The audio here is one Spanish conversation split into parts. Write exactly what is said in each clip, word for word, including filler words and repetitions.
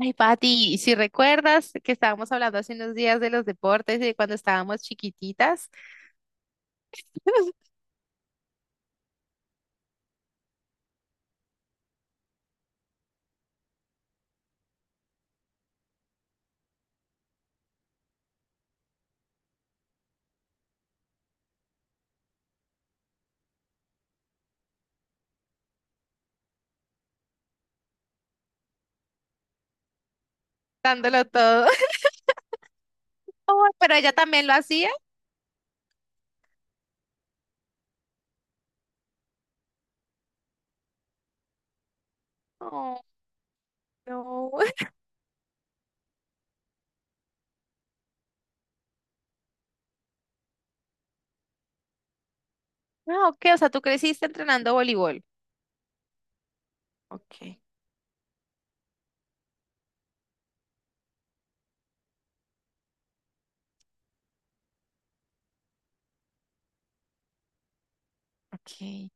Ay, Pati, si recuerdas que estábamos hablando hace unos días de los deportes y de cuando estábamos chiquititas, dándolo todo. Oh, pero ella también lo hacía. Oh, no. Ah, ok, o sea, tú creciste entrenando voleibol. Ok, ok.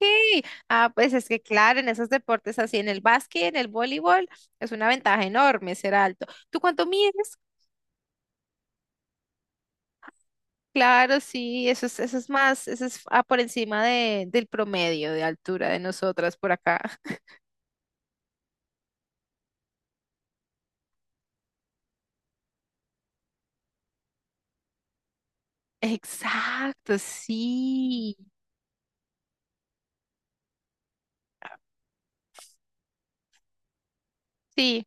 Ok. Ah, pues es que claro, en esos deportes así, en el básquet, en el voleibol, es una ventaja enorme ser alto. ¿Tú cuánto mides? Claro, sí, eso es, eso es más, eso es ah, por encima de, del promedio de altura de nosotras por acá. Exacto, sí, sí,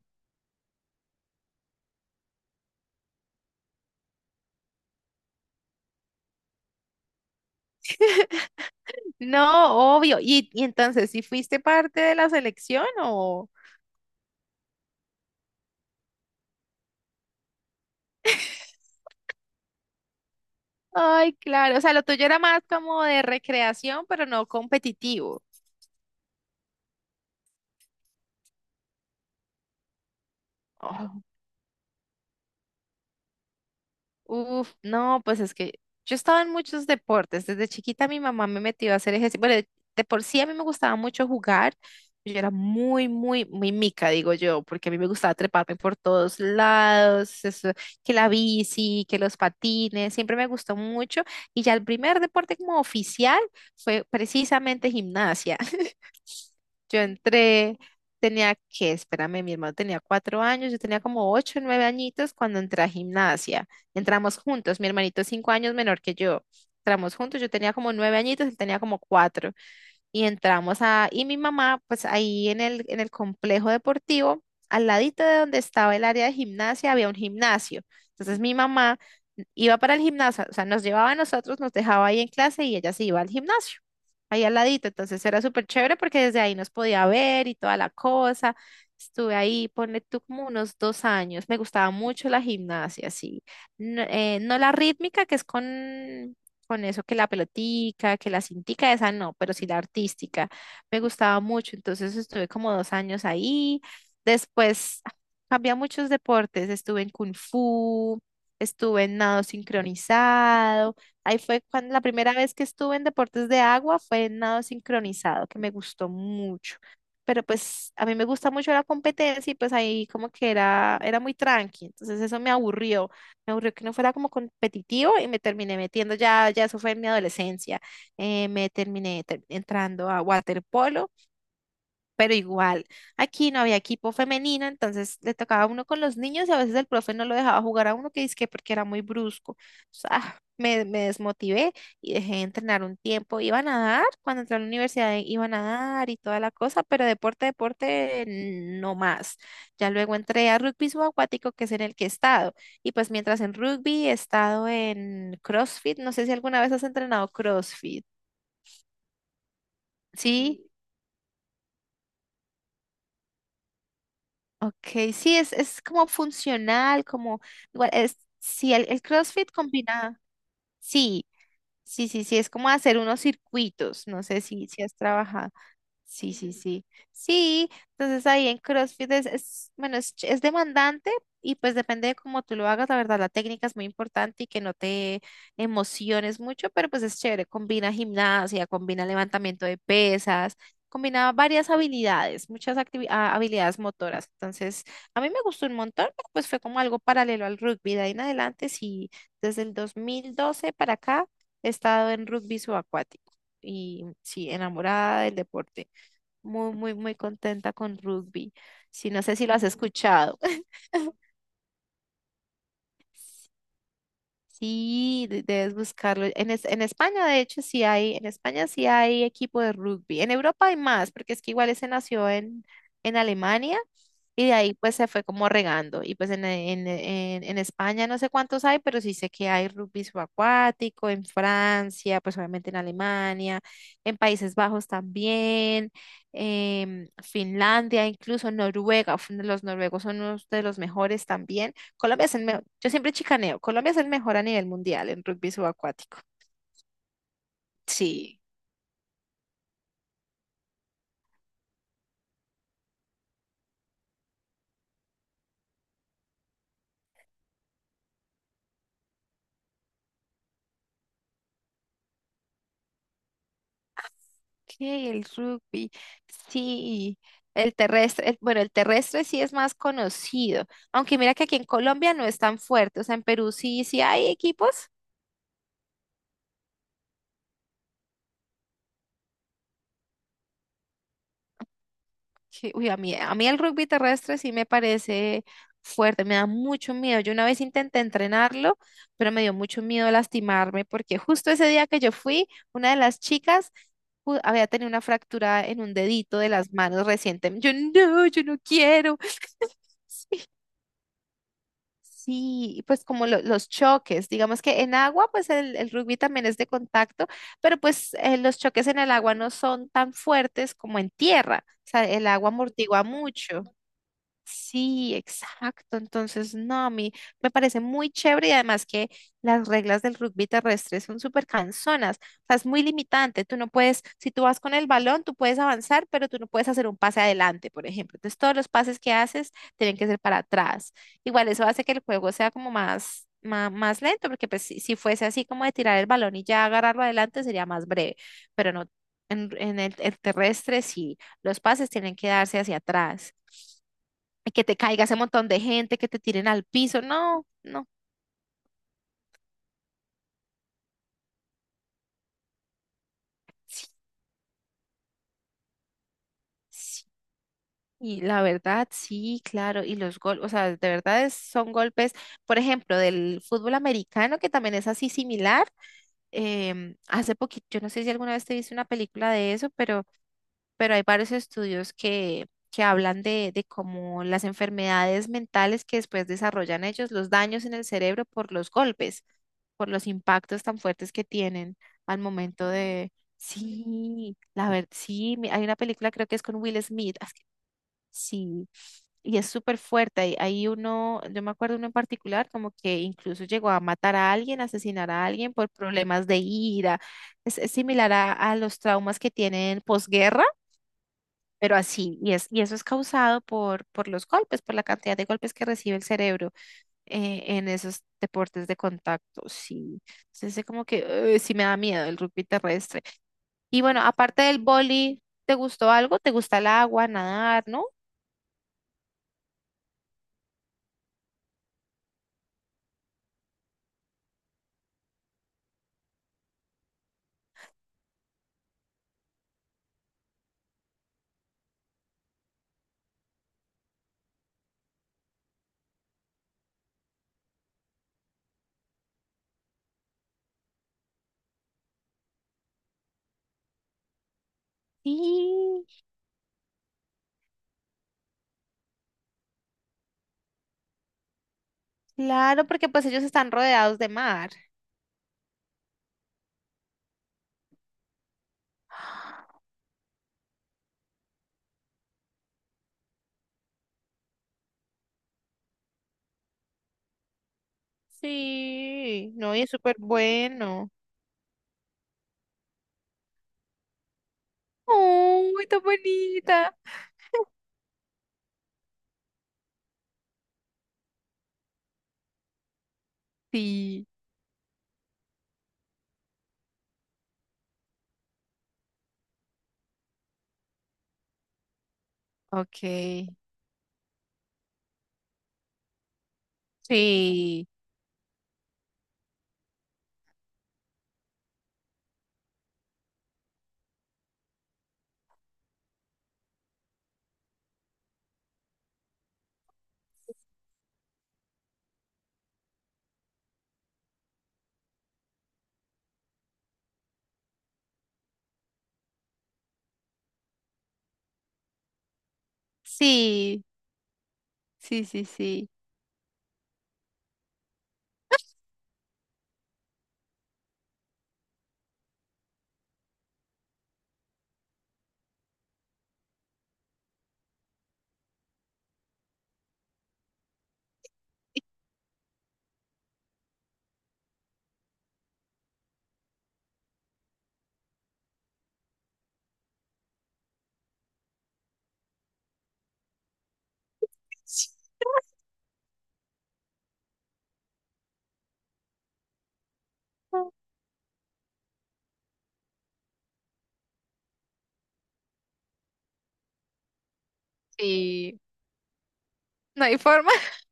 no, obvio. Y, y entonces, ¿si fuiste parte de la selección o...? Ay, claro, o sea, lo tuyo era más como de recreación, pero no competitivo. Oh. Uf, no, pues es que yo estaba en muchos deportes. Desde chiquita mi mamá me metió a hacer ejercicio. Bueno, de de por sí a mí me gustaba mucho jugar. Yo era muy, muy, muy mica, digo yo, porque a mí me gustaba treparme por todos lados, eso, que la bici, que los patines, siempre me gustó mucho. Y ya el primer deporte como oficial fue precisamente gimnasia. Yo entré, tenía que, espérame, mi hermano tenía cuatro años, yo tenía como ocho o nueve añitos cuando entré a gimnasia. Entramos juntos, mi hermanito es cinco años menor que yo. Entramos juntos, yo tenía como nueve añitos, él tenía como cuatro y entramos a, y mi mamá, pues ahí en el, en el complejo deportivo, al ladito de donde estaba el área de gimnasia, había un gimnasio. Entonces mi mamá iba para el gimnasio, o sea, nos llevaba a nosotros, nos dejaba ahí en clase y ella se iba al gimnasio, ahí al ladito. Entonces era súper chévere porque desde ahí nos podía ver y toda la cosa. Estuve ahí, ponle tú como unos dos años. Me gustaba mucho la gimnasia, sí. No, eh, no la rítmica, que es con con eso que la pelotica, que la cintica, esa no, pero sí la artística. Me gustaba mucho, entonces estuve como dos años ahí. Después ah, cambié a muchos deportes, estuve en kung fu, estuve en nado sincronizado. Ahí fue cuando la primera vez que estuve en deportes de agua fue en nado sincronizado, que me gustó mucho. Pero pues a mí me gusta mucho la competencia y pues ahí como que era, era muy tranqui, entonces eso me aburrió. Me aburrió que no fuera como competitivo y me terminé metiendo, ya, ya eso fue en mi adolescencia. Eh, me terminé ter- entrando a waterpolo, pero igual, aquí no había equipo femenino, entonces le tocaba a uno con los niños y a veces el profe no lo dejaba jugar a uno que dizque porque era muy brusco. O sea, me, me desmotivé y dejé de entrenar un tiempo. Iba a nadar, cuando entré a la universidad iba a nadar y toda la cosa, pero deporte, deporte, no más. Ya luego entré a rugby subacuático, que es en el que he estado. Y pues mientras en rugby he estado en CrossFit, no sé si alguna vez has entrenado CrossFit. Sí. Ok, sí, es, es como funcional, como, igual, es, sí, el, el CrossFit combina, sí, sí, sí, sí, es como hacer unos circuitos, no sé si, si has trabajado. Sí, sí, sí. Sí, entonces ahí en CrossFit es, es, bueno, es, ch- es demandante y pues depende de cómo tú lo hagas, la verdad, la técnica es muy importante y que no te emociones mucho, pero pues es chévere, combina gimnasia, combina levantamiento de pesas, combina varias habilidades, muchas activi- ah, habilidades motoras. Entonces, a mí me gustó un montón, pero pues fue como algo paralelo al rugby. De ahí en adelante, sí, desde el dos mil doce para acá he estado en rugby subacuático y sí, enamorada del deporte. Muy, muy, muy contenta con rugby. Sí, no sé si lo has escuchado. Sí, de- debes buscarlo. En, es- en España, de hecho, sí hay, en España sí hay equipo de rugby. En Europa hay más, porque es que igual ese nació en, en Alemania y de ahí pues se fue como regando. Y pues en, en, en, en España no sé cuántos hay, pero sí sé que hay rugby subacuático, en Francia, pues obviamente en Alemania, en Países Bajos también, en Finlandia, incluso Noruega. Los noruegos son unos de los mejores también. Colombia es el mejor, yo siempre chicaneo, Colombia es el mejor a nivel mundial en rugby subacuático. Sí. que El rugby, sí. El terrestre, el- bueno, el terrestre sí es más conocido, aunque mira que aquí en Colombia no es tan fuerte, o sea, en Perú sí, sí hay equipos. Sí, uy, a mí, a mí el rugby terrestre sí me parece fuerte, me da mucho miedo. Yo una vez intenté entrenarlo, pero me dio mucho miedo lastimarme porque justo ese día que yo fui, una de las chicas ju- había tenido una fractura en un dedito de las manos recientemente. Yo no, yo no quiero. Sí, y pues como lo- los choques, digamos que en agua, pues el, el rugby también es de contacto, pero pues eh, los choques en el agua no son tan fuertes como en tierra, o sea, el agua amortigua mucho. Sí, exacto. Entonces, no, a mí me parece muy chévere y además que las reglas del rugby terrestre son súper cansonas. O sea, es muy limitante. Tú no puedes, si tú vas con el balón, tú puedes avanzar, pero tú no puedes hacer un pase adelante, por ejemplo. Entonces, todos los pases que haces tienen que ser para atrás. Igual eso hace que el juego sea como más, ma- más, lento, porque pues si, si fuese así como de tirar el balón y ya agarrarlo adelante sería más breve, pero no. En, en el el terrestre, sí, los pases tienen que darse hacia atrás, que te caiga ese montón de gente, que te tiren al piso. No, no. Sí, y la verdad, sí, claro. Y los golpes, o sea, de verdad es- son golpes, por ejemplo, del fútbol americano, que también es así similar. Em, hace poquito, yo no sé si alguna vez te viste una película de eso, pero pero hay varios estudios que, que hablan de, de cómo las enfermedades mentales que después desarrollan ellos, los daños en el cerebro por los golpes, por los impactos tan fuertes que tienen al momento de, sí, la verdad, sí, mi- hay una película creo que es con Will Smith, ah, es que... sí. Y es súper fuerte. Hay, hay uno, yo me acuerdo uno en particular, como que incluso llegó a matar a alguien, asesinar a alguien por problemas de ira. Es, es similar a, a los traumas que tienen posguerra, pero así, y, es, y eso es causado por, por los golpes, por la cantidad de golpes que recibe el cerebro eh, en esos deportes de contacto, sí. Entonces, es como que eh, sí me da miedo el rugby terrestre. Y bueno, aparte del boli, ¿te gustó algo? ¿Te gusta el agua, nadar, no? Sí, claro, porque pues ellos están rodeados de mar. Sí, no, y es súper bueno. ¡Uy, tan bonita! Sí, ok. Sí, sí. Sí, sí, sí. Sí. Sí. No hay forma.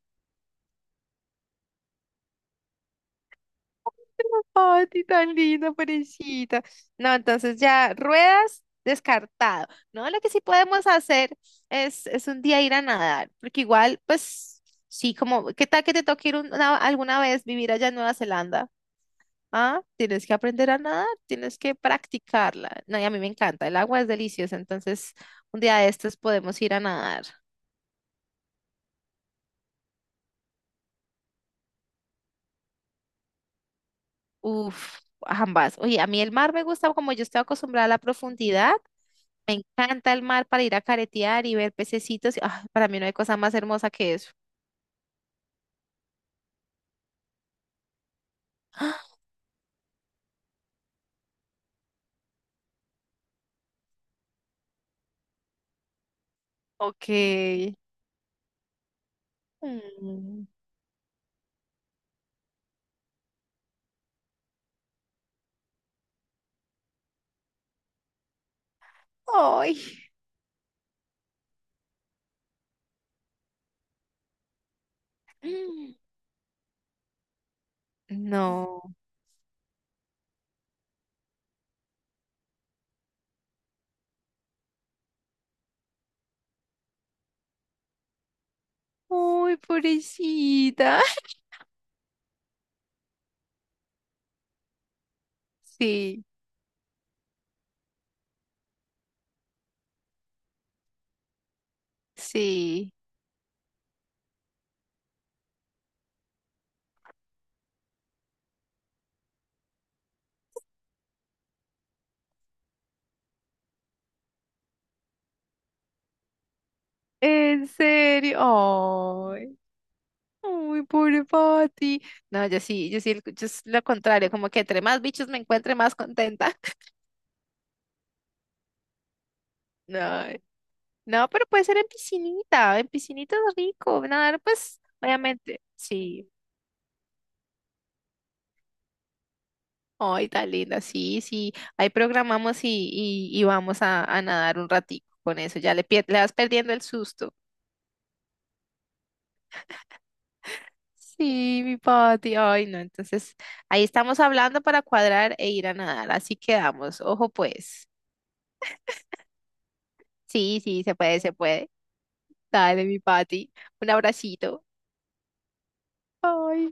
Ay, ti tan linda, pobrecita. No, entonces ya, ruedas descartado. No, lo que sí podemos hacer es, es un día ir a nadar, porque igual, pues, sí, como, ¿qué tal que te toque ir un- una- alguna vez vivir allá en Nueva Zelanda? Ah, tienes que aprender a nadar, tienes que practicarla. No, y a mí me encanta, el agua es deliciosa, entonces un día de estos podemos ir a nadar. Uf, ambas. Oye, a mí el mar me gusta como yo estoy acostumbrada a la profundidad. Me encanta el mar para ir a caretear y ver pececitos. Ah, para mí no hay cosa más hermosa que eso. Ok. Mm. Ay. Mm. No. Ay, pobrecita. Sí, sí. En serio. Ay. Ay, pobre Pati. No, yo sí, yo sí, el- yo es lo contrario, como que entre más bichos me encuentre, más contenta. No. No, pero puede ser en piscinita, en piscinita es rico, nadar pues obviamente, sí. Ay, tan linda, sí, sí. Ahí programamos y, y, y vamos a, a nadar un ratico con eso, ya le, pier- le vas perdiendo el susto. Sí, mi Pati, ay no, entonces ahí estamos hablando para cuadrar e ir a nadar, así quedamos, ojo pues. Sí, sí, se puede, se puede. Dale, mi Pati, un abracito. Ay.